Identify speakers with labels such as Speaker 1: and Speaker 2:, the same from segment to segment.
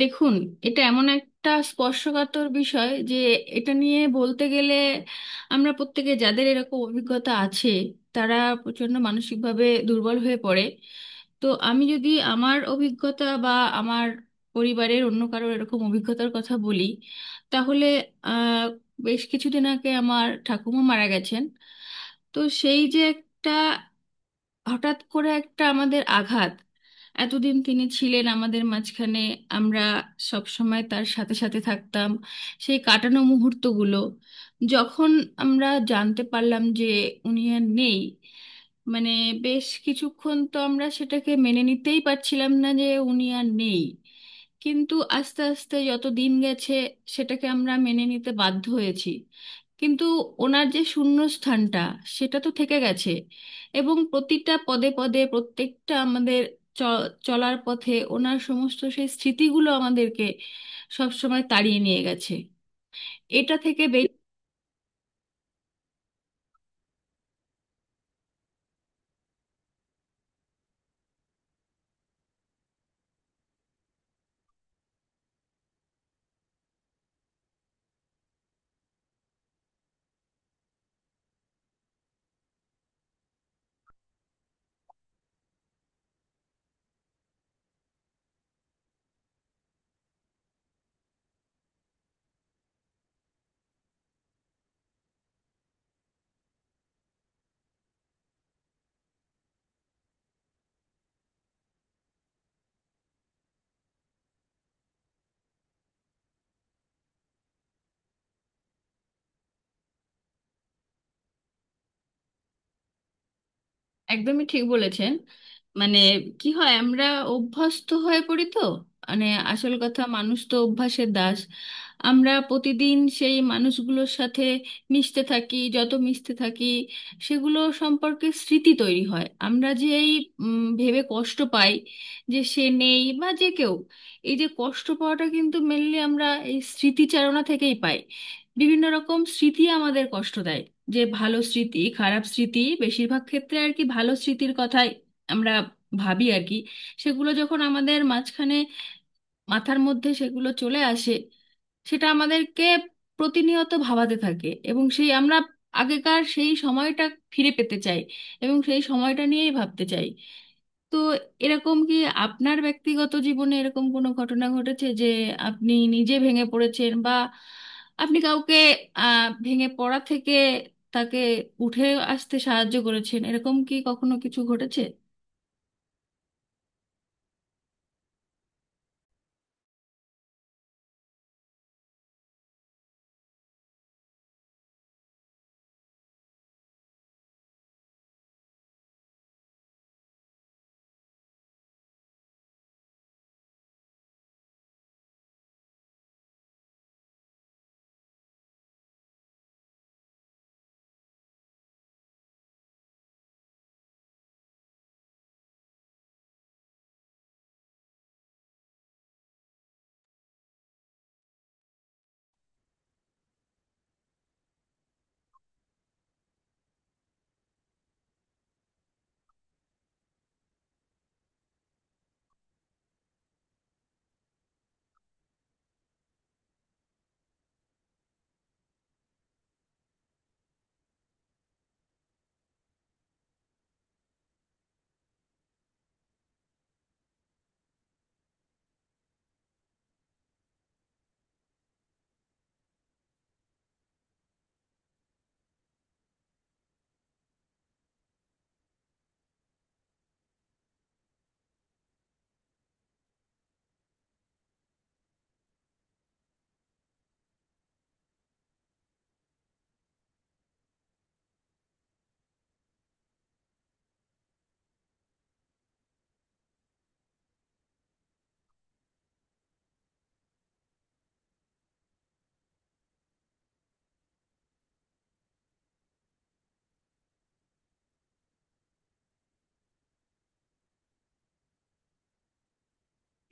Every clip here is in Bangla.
Speaker 1: দেখুন, এটা এমন একটা স্পর্শকাতর বিষয় যে এটা নিয়ে বলতে গেলে আমরা প্রত্যেকে যাদের এরকম অভিজ্ঞতা আছে, তারা প্রচণ্ড মানসিকভাবে দুর্বল হয়ে পড়ে। তো আমি যদি আমার অভিজ্ঞতা বা আমার পরিবারের অন্য কারোর এরকম অভিজ্ঞতার কথা বলি, তাহলে আহ, বেশ কিছুদিন আগে আমার ঠাকুমা মারা গেছেন। তো সেই যে একটা হঠাৎ করে একটা আমাদের আঘাত, এতদিন তিনি ছিলেন আমাদের মাঝখানে, আমরা সব সময় তার সাথে সাথে থাকতাম, সেই কাটানো মুহূর্তগুলো। যখন আমরা জানতে পারলাম যে উনি আর নেই, মানে বেশ কিছুক্ষণ তো আমরা সেটাকে মেনে নিতেই পারছিলাম না যে উনি আর নেই। কিন্তু আস্তে আস্তে যত দিন গেছে, সেটাকে আমরা মেনে নিতে বাধ্য হয়েছি। কিন্তু ওনার যে শূন্যস্থানটা, সেটা তো থেকে গেছে। এবং প্রতিটা পদে পদে প্রত্যেকটা আমাদের চ চলার পথে ওনার সমস্ত সেই স্মৃতিগুলো আমাদেরকে সবসময় তাড়িয়ে নিয়ে গেছে। এটা থেকে একদমই ঠিক বলেছেন। মানে কি হয়, আমরা অভ্যস্ত হয়ে পড়ি তো। মানে আসল কথা, মানুষ তো অভ্যাসের দাস। আমরা প্রতিদিন সেই মানুষগুলোর সাথে মিশতে থাকি, যত মিশতে থাকি সেগুলো সম্পর্কে স্মৃতি তৈরি হয়। আমরা যে এই ভেবে কষ্ট পাই যে সে নেই বা যে কেউ, এই যে কষ্ট পাওয়াটা কিন্তু মেনলি আমরা এই স্মৃতিচারণা থেকেই পাই। বিভিন্ন রকম স্মৃতি আমাদের কষ্ট দেয়, যে ভালো স্মৃতি, খারাপ স্মৃতি। বেশিরভাগ ক্ষেত্রে আর কি ভালো স্মৃতির কথাই আমরা ভাবি আর কি। সেগুলো যখন আমাদের মাঝখানে মাথার মধ্যে সেগুলো চলে আসে, সেটা আমাদেরকে প্রতিনিয়ত ভাবাতে থাকে এবং সেই আমরা আগেকার সেই সময়টা ফিরে পেতে চাই এবং সেই সময়টা নিয়েই ভাবতে চাই। তো এরকম কি আপনার ব্যক্তিগত জীবনে এরকম কোনো ঘটনা ঘটেছে যে আপনি নিজে ভেঙে পড়েছেন বা আপনি কাউকে ভেঙে পড়া থেকে তাকে উঠে আসতে সাহায্য করেছেন, এরকম কি কখনো কিছু ঘটেছে?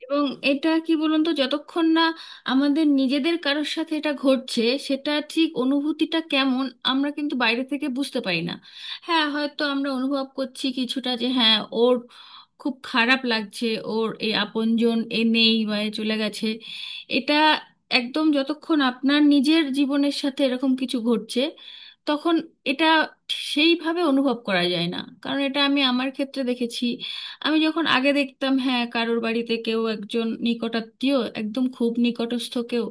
Speaker 1: এবং এটা কি বলুন তো, যতক্ষণ না আমাদের নিজেদের কারোর সাথে এটা ঘটছে, সেটা ঠিক অনুভূতিটা কেমন আমরা কিন্তু বাইরে থেকে বুঝতে পারি না। হ্যাঁ, হয়তো আমরা অনুভব করছি কিছুটা যে হ্যাঁ, ওর খুব খারাপ লাগছে, ওর এই আপনজন এ নেই বা এ চলে গেছে। এটা একদম, যতক্ষণ আপনার নিজের জীবনের সাথে এরকম কিছু ঘটছে, তখন এটা সেইভাবে অনুভব করা যায় না। কারণ এটা আমি আমার ক্ষেত্রে দেখেছি, আমি যখন আগে দেখতাম হ্যাঁ কারোর বাড়িতে কেউ একজন নিকটাত্মীয়, একদম খুব নিকটস্থ কেউ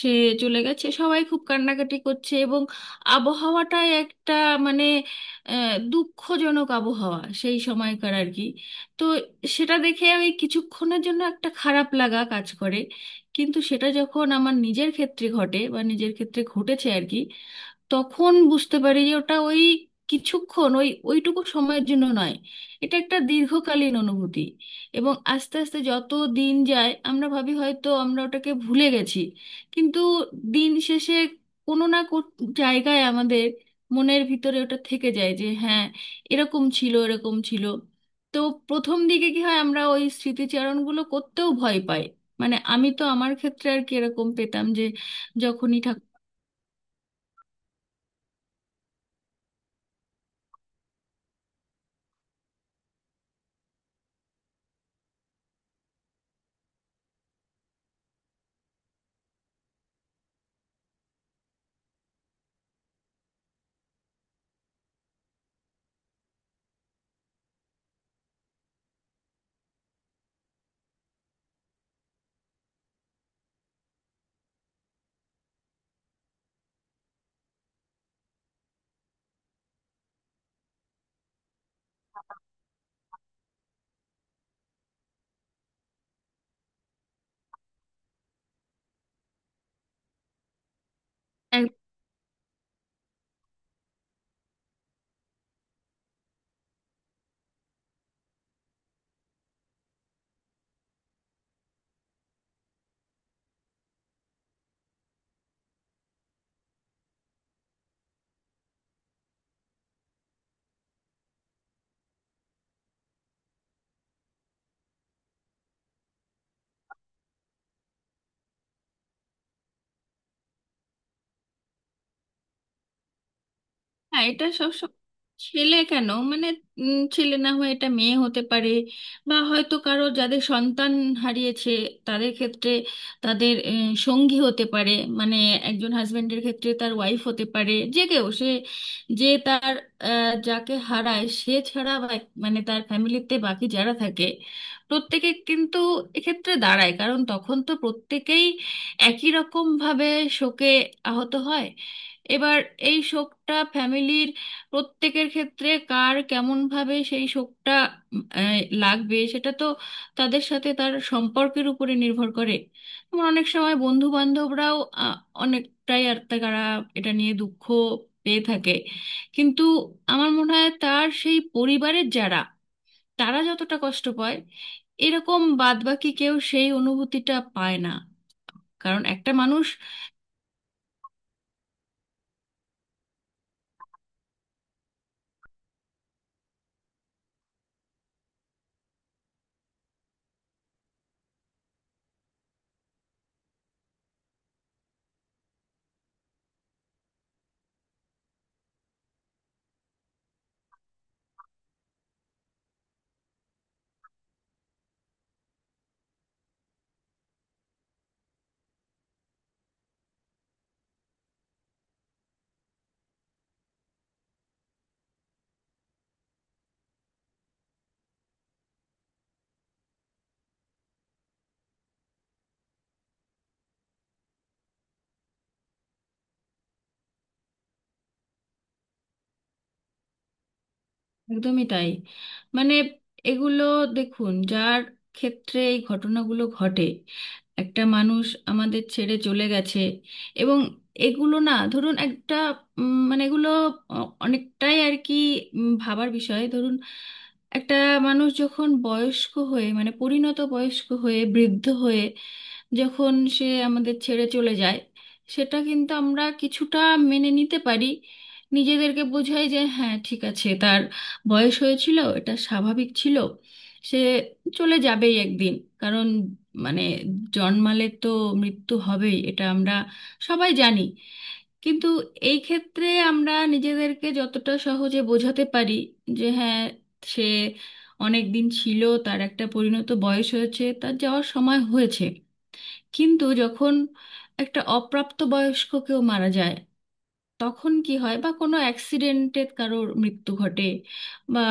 Speaker 1: সে চলে গেছে, সবাই খুব কান্নাকাটি করছে এবং আবহাওয়াটাই একটা মানে দুঃখজনক আবহাওয়া সেই সময়কার আর কি। তো সেটা দেখে আমি কিছুক্ষণের জন্য একটা খারাপ লাগা কাজ করে। কিন্তু সেটা যখন আমার নিজের ক্ষেত্রে ঘটে বা নিজের ক্ষেত্রে ঘটেছে আর কি, তখন বুঝতে পারি যে ওটা ওই কিছুক্ষণ ওই ওইটুকু সময়ের জন্য নয়, এটা একটা দীর্ঘকালীন অনুভূতি। এবং আস্তে আস্তে যত দিন যায়, আমরা ভাবি হয়তো আমরা ওটাকে ভুলে গেছি, কিন্তু দিন শেষে কোনো না জায়গায় আমাদের মনের ভিতরে ওটা থেকে যায় যে হ্যাঁ, এরকম ছিল, এরকম ছিল। তো প্রথম দিকে কি হয়, আমরা ওই স্মৃতিচারণগুলো করতেও ভয় পাই। মানে আমি তো আমার ক্ষেত্রে আর কি এরকম পেতাম যে যখনই ঠাকুর, হ্যাঁ এটা সবসময়। ছেলে কেন, মানে ছেলে না হয়ে এটা মেয়ে হতে পারে বা হয়তো কারো যাদের সন্তান হারিয়েছে তাদের ক্ষেত্রে তাদের সঙ্গী হতে পারে। মানে একজন হাজবেন্ডের ক্ষেত্রে তার ওয়াইফ হতে পারে, যে কেউ সে যে তার যাকে হারায় সে ছাড়া বা মানে তার ফ্যামিলিতে বাকি যারা থাকে প্রত্যেকে কিন্তু এক্ষেত্রে দাঁড়ায়। কারণ তখন তো প্রত্যেকেই একই রকম ভাবে শোকে আহত হয়। এবার এই শোকটা ফ্যামিলির প্রত্যেকের ক্ষেত্রে কার কেমন ভাবে সেই শোকটা উম, আহ, লাগবে, সেটা তো তাদের সাথে তার সম্পর্কের উপরে নির্ভর করে। আমার অনেক সময় বন্ধু বান্ধবরাও অনেকটাই আর তারা এটা নিয়ে দুঃখ পেয়ে থাকে। কিন্তু আমার মনে হয় তার সেই পরিবারের যারা, তারা যতটা কষ্ট পায় এরকম বাদবাকি কেউ সেই অনুভূতিটা পায় না, কারণ একটা মানুষ, একদমই তাই। মানে এগুলো, দেখুন যার ক্ষেত্রে এই ঘটনাগুলো ঘটে, একটা মানুষ আমাদের ছেড়ে চলে গেছে এবং এগুলো না ধরুন একটা মানে এগুলো অনেকটাই আর কি ভাবার বিষয়। ধরুন একটা মানুষ যখন বয়স্ক হয়ে মানে পরিণত বয়স্ক হয়ে বৃদ্ধ হয়ে যখন সে আমাদের ছেড়ে চলে যায়, সেটা কিন্তু আমরা কিছুটা মেনে নিতে পারি। নিজেদেরকে বোঝাই যে হ্যাঁ ঠিক আছে, তার বয়স হয়েছিল, এটা স্বাভাবিক ছিল, সে চলে যাবেই একদিন। কারণ মানে জন্মালে তো মৃত্যু হবেই, এটা আমরা সবাই জানি। কিন্তু এই ক্ষেত্রে আমরা নিজেদেরকে যতটা সহজে বোঝাতে পারি যে হ্যাঁ, সে অনেক দিন ছিল, তার একটা পরিণত বয়স হয়েছে, তার যাওয়ার সময় হয়েছে, কিন্তু যখন একটা অপ্রাপ্ত বয়স্ক কেউ মারা যায় তখন কি হয়, বা কোনো অ্যাক্সিডেন্টে কারোর মৃত্যু ঘটে বা